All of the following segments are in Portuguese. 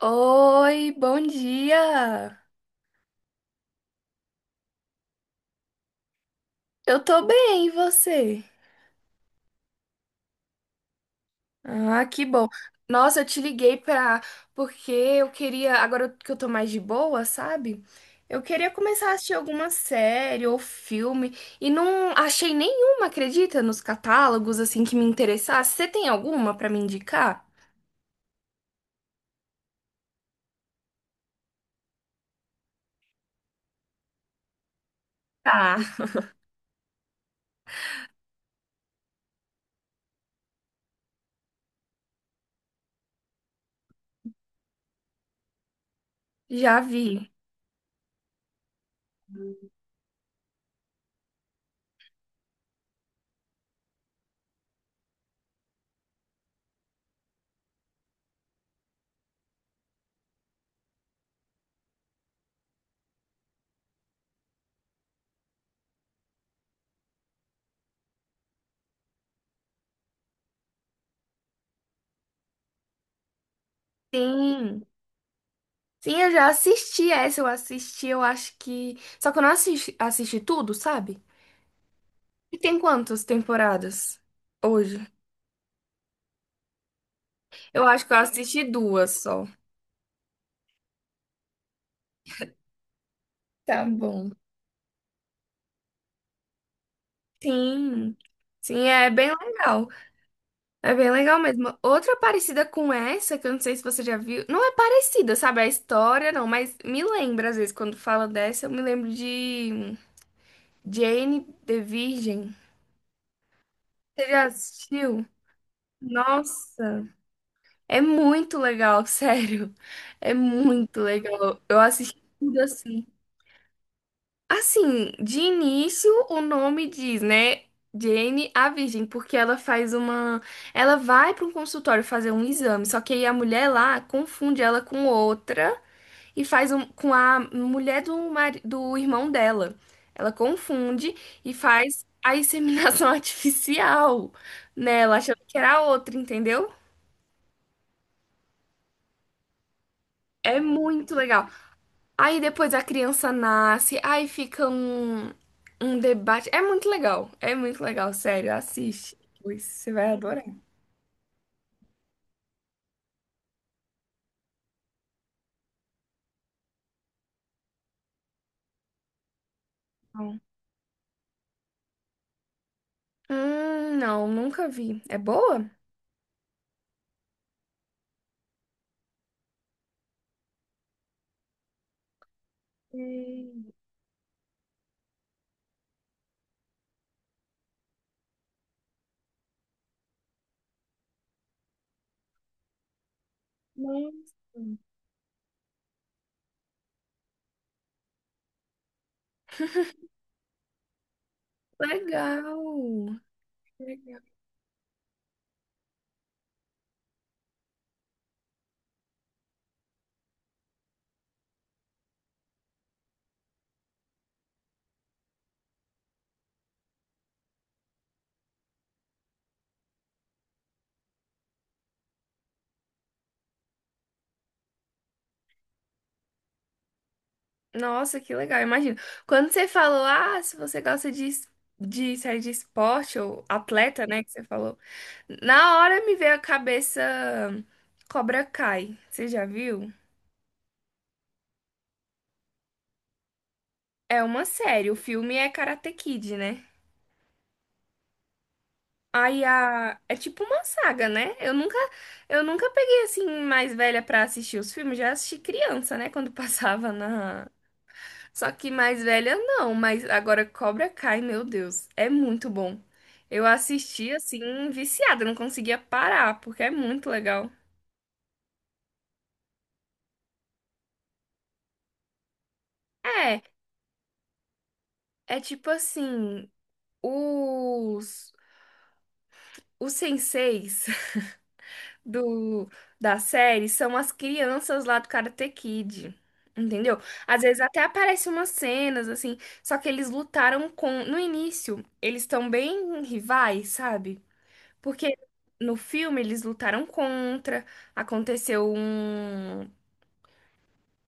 Oi, bom dia. Eu tô bem, e você? Ah, que bom. Nossa, eu te liguei pra porque eu queria, agora que eu tô mais de boa, sabe? Eu queria começar a assistir alguma série ou filme e não achei nenhuma, acredita, nos catálogos assim que me interessasse. Você tem alguma pra me indicar? Tá, já vi. Sim. Sim, eu já assisti essa, eu acho que. Só que eu não assisti, assisti tudo, sabe? E tem quantas temporadas hoje? Eu acho que eu assisti duas só. Tá bom. Sim. Sim, é bem legal. É bem legal mesmo. Outra parecida com essa, que eu não sei se você já viu. Não é parecida, sabe? A história, não, mas me lembra, às vezes, quando fala dessa, eu me lembro de Jane the Virgin. Você já assistiu? Nossa, é muito legal, sério. É muito legal. Eu assisti tudo assim. Assim, de início o nome diz, né? Jane a Virgem, porque ela faz uma. Ela vai para um consultório fazer um exame, só que aí a mulher lá confunde ela com outra e faz um... com a mulher do, mari... do irmão dela. Ela confunde e faz a inseminação artificial nela, achando que era a outra, entendeu? É muito legal. Aí depois a criança nasce, aí fica um, um debate. É muito legal, sério, assiste. Pois você vai adorar. Não. Não, nunca vi. É boa? Sei. Nossa, legal. Legal. Nossa, que legal. Imagina. Quando você falou, ah, se você gosta de, de série de esporte ou atleta, né, que você falou, na hora me veio a cabeça Cobra Kai. Você já viu? É uma série, o filme é Karate Kid, né? Aí a... é tipo uma saga, né? Eu nunca peguei assim mais velha pra assistir os filmes, já assisti criança, né, quando passava na. Só que mais velha não, mas agora Cobra Kai, meu Deus, é muito bom. Eu assisti assim viciada, não conseguia parar, porque é muito legal. É, é tipo assim, os senseis do, da série são as crianças lá do Karate Kid. Entendeu? Às vezes até aparecem umas cenas assim, só que eles lutaram com. No início, eles estão bem rivais, sabe? Porque no filme eles lutaram contra, aconteceu um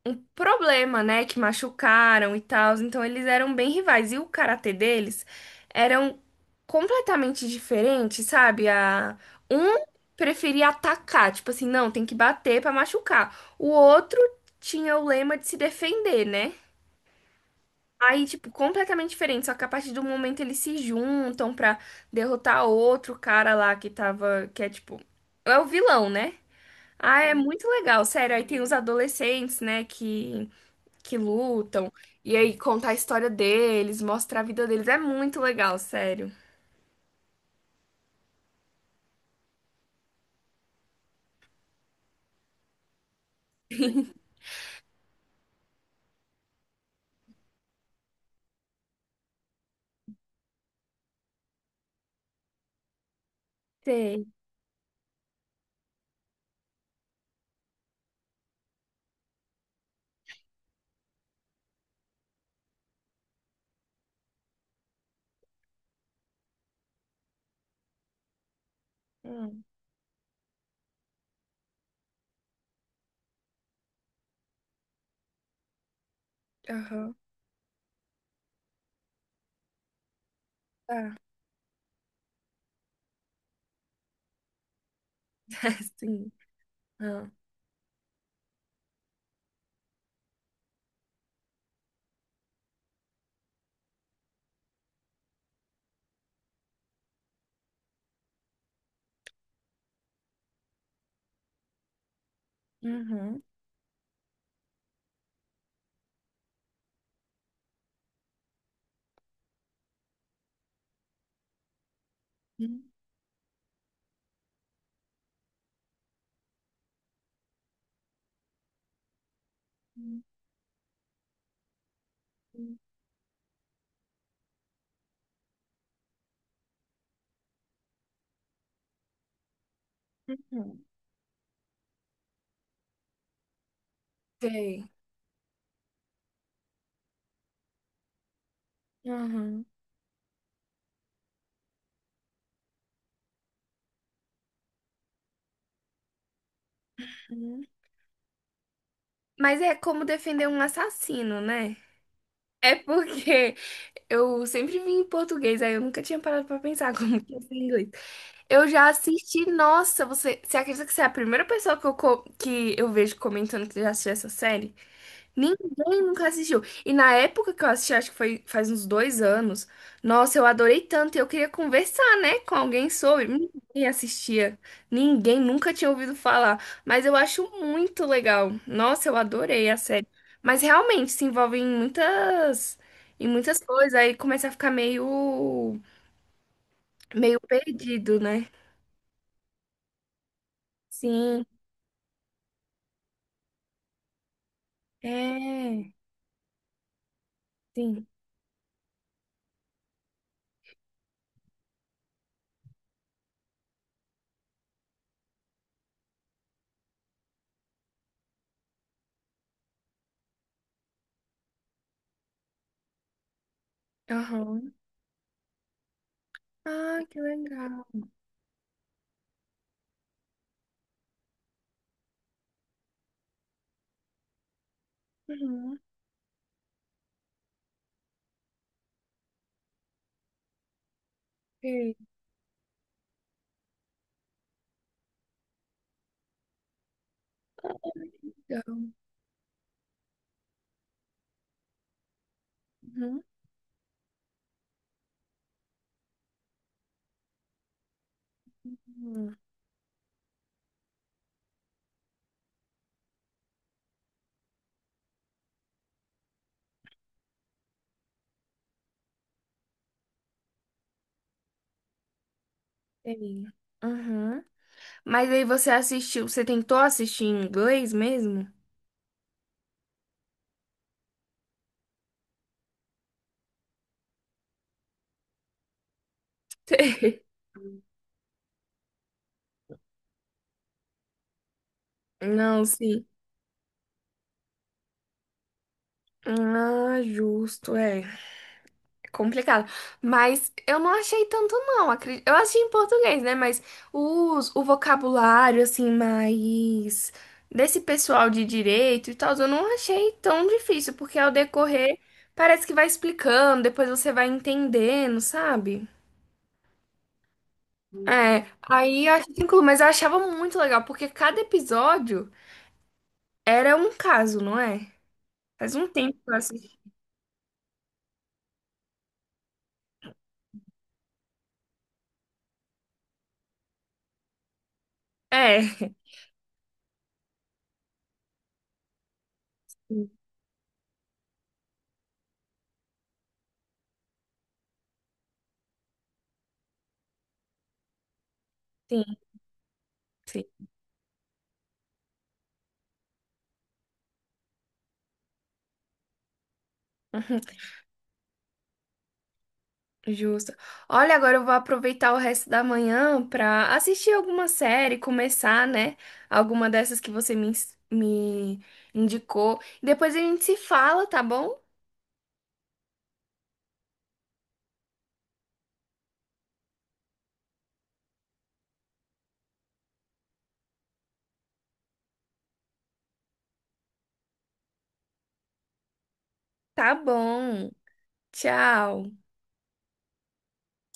problema, né? Que machucaram e tal. Então eles eram bem rivais. E o karatê deles eram completamente diferentes, sabe? A... Um preferia atacar, tipo assim, não, tem que bater pra machucar. O outro tinha o lema de se defender, né? Aí, tipo, completamente diferente. Só que a partir do momento eles se juntam pra derrotar outro cara lá que tava. Que é tipo. É o vilão, né? Ah, é muito legal, sério. Aí tem os adolescentes, né? Que lutam, e aí contar a história deles, mostrar a vida deles. É muito legal, sério. Sei. Hum. Aham. Tá. Sim. Ah, uhum. Uhum. Uhum. Sei. Uhum. Uhum. Mas é como defender um assassino, né? É porque eu sempre vi em português, aí eu nunca tinha parado pra pensar como que ia ser em inglês. Eu já assisti, nossa, você, você acredita que você é a primeira pessoa que eu, que eu vejo comentando que já assistiu essa série? Ninguém nunca assistiu. E na época que eu assisti, acho que foi faz uns dois anos, nossa, eu adorei tanto. E eu queria conversar, né, com alguém sobre. Ninguém assistia. Ninguém nunca tinha ouvido falar. Mas eu acho muito legal. Nossa, eu adorei a série. Mas realmente se envolve em muitas coisas. Aí começa a ficar meio, meio perdido, né? Sim, é. Sim. Aham. Ah, que legal. Uhum. Que legal. Uhum. Sim. Uhum. Mas aí você assistiu, você tentou assistir em inglês mesmo? Não, sim. Ah, justo, é. É complicado. Mas eu não achei tanto, não. Eu achei em português, né? Mas os, o vocabulário, assim, mais desse pessoal de direito e tal, eu não achei tão difícil, porque ao decorrer parece que vai explicando, depois você vai entendendo, sabe? É, aí eu achei tranquilo, mas eu achava muito legal, porque cada episódio era um caso, não é? Faz um tempo que eu assisti. É, sim, sim. Sim. Uhum, justo. Olha, agora eu vou aproveitar o resto da manhã pra assistir alguma série, começar, né? Alguma dessas que você me, me indicou. Depois a gente se fala, tá bom? Tá bom. Tchau.